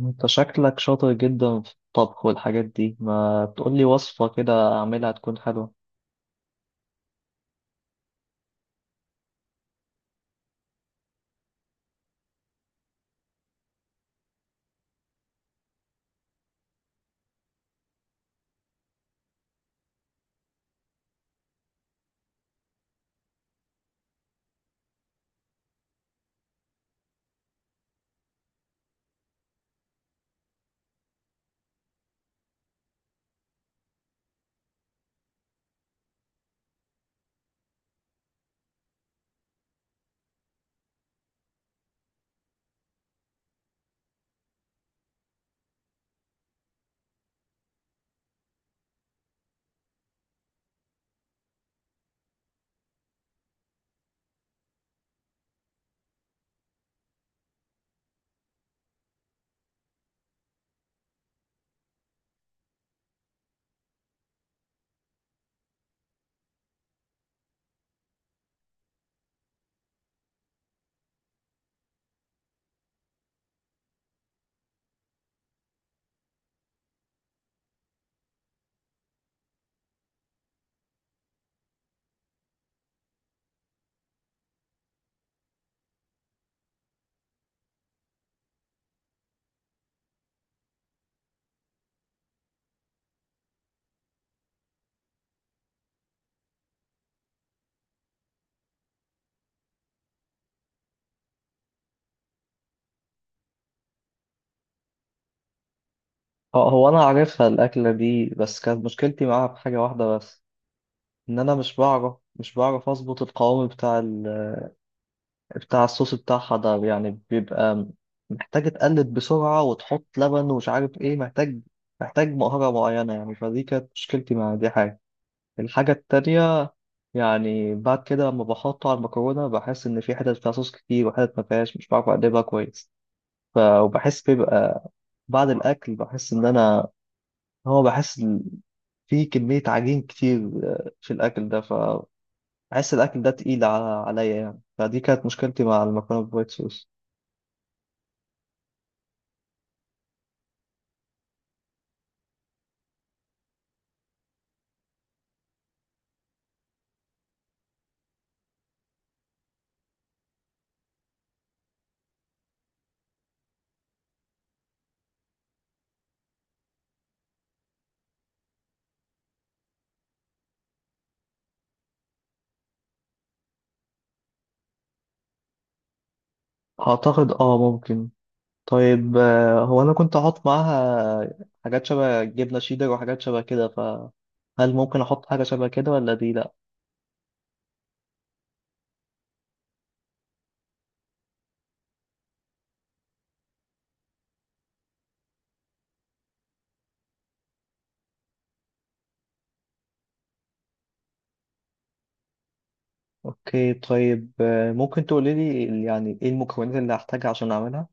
انت شكلك شاطر جدا في الطبخ والحاجات دي، ما تقولي وصفة كده اعملها تكون حلوة. اه هو انا عارفها الاكلة دي، بس كانت مشكلتي معاها في حاجة واحدة بس. ان انا مش بعرف اظبط القوام بتاع بتاع الصوص بتاعها ده، يعني بيبقى محتاج تقلب بسرعة وتحط لبن ومش عارف ايه، محتاج مهارة معينة يعني، فدي كانت مشكلتي مع دي حاجة. الحاجة التانية يعني بعد كده لما بحطه على المكرونة، بحس إن في حتت فيها صوص كتير وحتت ما فيهاش، مش بعرف أقلبها كويس. وبحس بيبقى بعد الأكل، بحس إن أنا، بحس إن في كمية عجين كتير في الأكل ده، فبحس الأكل ده تقيل على عليا يعني، فدي كانت مشكلتي مع المكرونة بالوايت صوص. أعتقد ممكن. طيب هو أنا كنت أحط معاها حاجات شبه جبنة شيدر وحاجات شبه كده، فهل ممكن أحط حاجة شبه كده ولا دي لأ؟ اوكي، طيب ممكن تقولي لي يعني ايه المكونات اللي هحتاجها عشان اعملها؟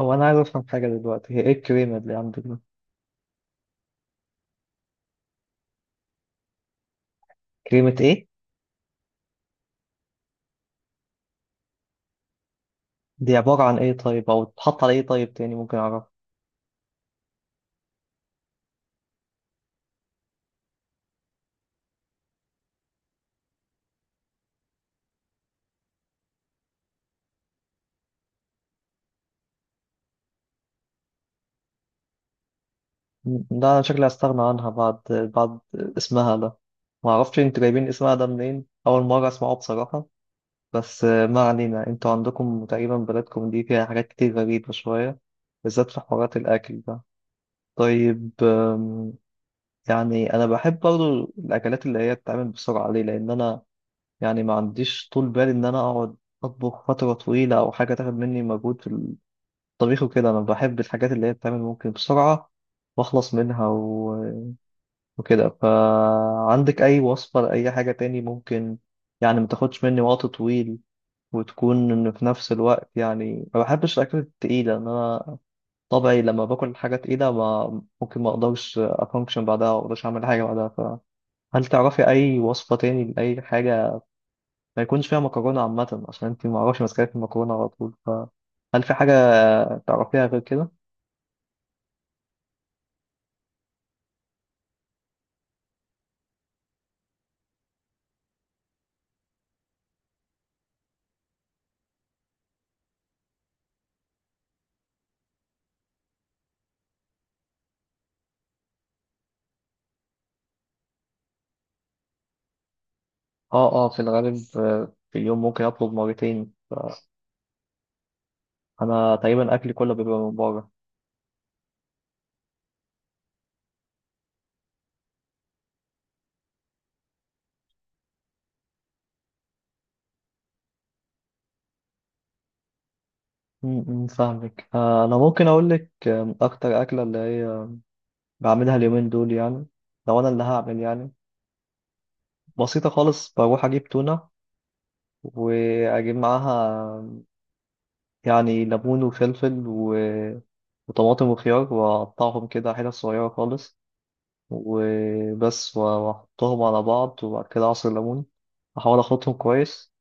هو انا عايز افهم حاجه دلوقتي، هي ايه الكريمه اللي عندك دي؟ كريمه ايه؟ دي عباره عن ايه طيب، او تحط على ايه طيب تاني ممكن اعرف؟ ده انا شكلي هستغنى عنها بعد اسمها ده. ما اعرفش انتوا جايبين اسمها ده منين، اول مره اسمعه بصراحه. بس ما علينا، انتوا عندكم تقريبا بلدكم دي فيها حاجات كتير غريبه شويه، بالذات في حوارات الاكل ده. طيب، يعني انا بحب برضو الاكلات اللي هي بتتعمل بسرعه، ليه؟ لان انا يعني ما عنديش طول بال ان انا اقعد اطبخ فتره طويله، او حاجه تاخد مني مجهود في الطبيخ وكده. انا بحب الحاجات اللي هي بتتعمل ممكن بسرعه واخلص منها وكده. فعندك اي وصفه لاي حاجه تاني ممكن يعني ما تاخدش مني وقت طويل، وتكون إن في نفس الوقت، يعني ما بحبش الاكلات التقيله، ان انا طبعي لما باكل حاجه تقيله ما اقدرش افانكشن بعدها، ما اقدرش اعمل حاجه بعدها. هل تعرفي أي وصفة تاني لأي حاجة ما يكونش فيها مكرونة عامة؟ عشان أنت ما أعرفش ماسكة في المكرونة على طول، فهل في حاجة تعرفيها غير كده؟ آه آه، في الغالب في اليوم ممكن أطلب مرتين، أنا تقريبا أكلي كله بيبقى من بره. م- م، فاهمك. أنا ممكن أقول لك، أكتر أكلة اللي هي بعملها اليومين دول يعني، لو أنا اللي هعمل يعني، بسيطة خالص. بروح أجيب تونة وأجيب معاها يعني ليمون وفلفل وطماطم وخيار، وأقطعهم كده حتت صغيرة خالص وبس، وأحطهم على بعض، وبعد كده عصير ليمون أحاول أخلطهم كويس.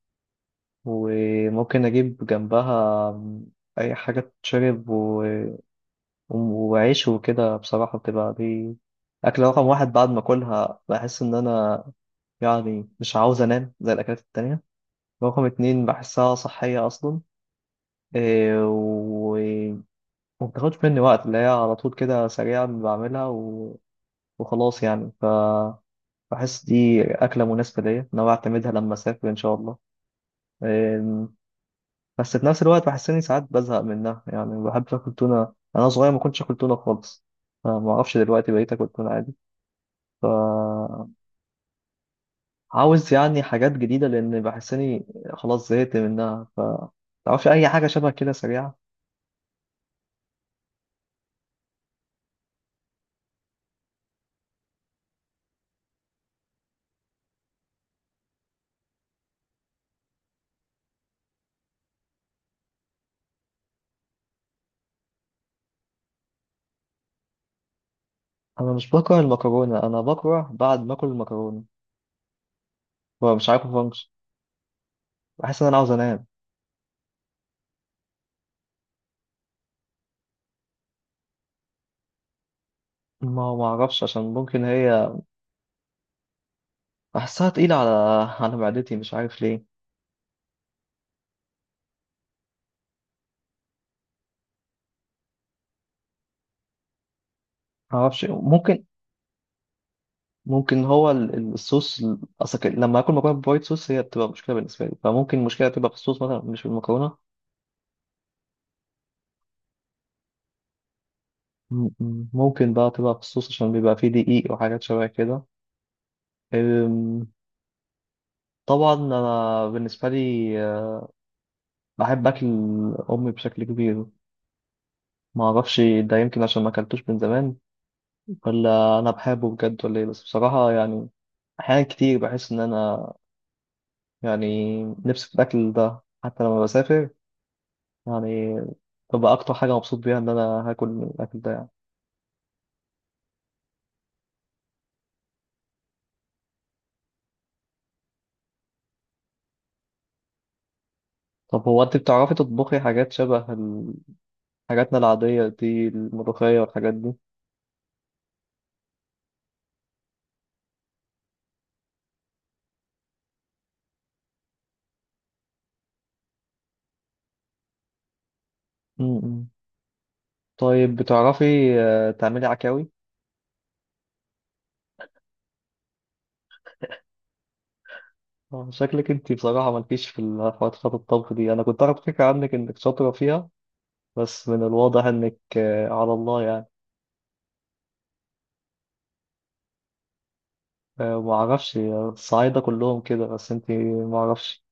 وممكن أجيب جنبها أي حاجة تتشرب، وعيش وكده. بصراحة بتبقى دي أكلة رقم واحد، بعد ما أكلها بحس إن أنا يعني مش عاوز أنام زي الأكلات التانية. رقم اتنين، بحسها صحية أصلا. إيه، و ومبتاخدش مني وقت، اللي هي على طول كده سريعة بعملها وخلاص يعني. فبحس دي أكلة مناسبة ليا إن أنا أعتمدها لما أسافر إن شاء الله. أم، بس في نفس الوقت بحس إني ساعات بزهق منها، يعني ما بحبش آكل تونة، أنا صغير ما كنتش آكل تونة خالص، فما أعرفش دلوقتي بقيت آكل تونة عادي. فعاوز يعني حاجات جديدة، لأن بحس إني خلاص زهقت منها. فتعرفش أي حاجة شبه كده سريعة؟ أنا مش بكره المكرونة، أنا بكره بعد ما آكل المكرونة فمش عارف أفنكش. بحس إن أنا عاوز أنام. ما أعرفش، عشان ممكن هي بحسها تقيلة على على معدتي، مش عارف ليه. معرفش، ممكن. ممكن هو الصوص أصل لما آكل مكرونة بوايت صوص هي بتبقى مشكلة بالنسبة لي، فممكن المشكلة تبقى في الصوص مثلا، مش في المكرونة. ممكن بقى تبقى في الصوص، عشان بيبقى فيه دقيق وحاجات شبه كده. أم، طبعا أنا بالنسبة لي، بحب أكل أمي بشكل كبير. معرفش ده يمكن عشان ما أكلتوش من زمان، ولا أنا بحبه بجد ولا إيه. بس بصراحة يعني أحيانا كتير بحس إن أنا يعني نفسي في الأكل ده حتى لما بسافر، يعني ببقى أكتر حاجة مبسوط بيها إن أنا هاكل الأكل ده يعني. طب هو أنت بتعرفي تطبخي حاجات شبه حاجاتنا العادية دي، الملوخية والحاجات دي؟ م-م. طيب بتعرفي تعملي عكاوي؟ شكلك أنت بصراحة مالكيش في الحوارات بتاعت الطبخ دي، أنا كنت أعرف فكرة عنك إنك شاطرة فيها، بس من الواضح إنك على الله يعني. معرفش الصعايدة كلهم كده، بس أنت معرفش.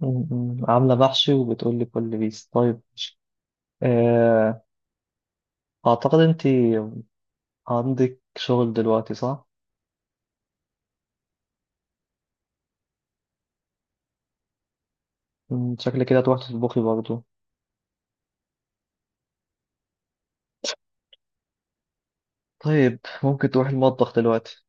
م- م. عاملة بحثي وبتقولي كل بيس. طيب آه، أعتقد أنت عندك شغل دلوقتي صح؟ م، شكلك كده هتروحي تطبخي برضه. طيب، ممكن تروحي المطبخ دلوقتي.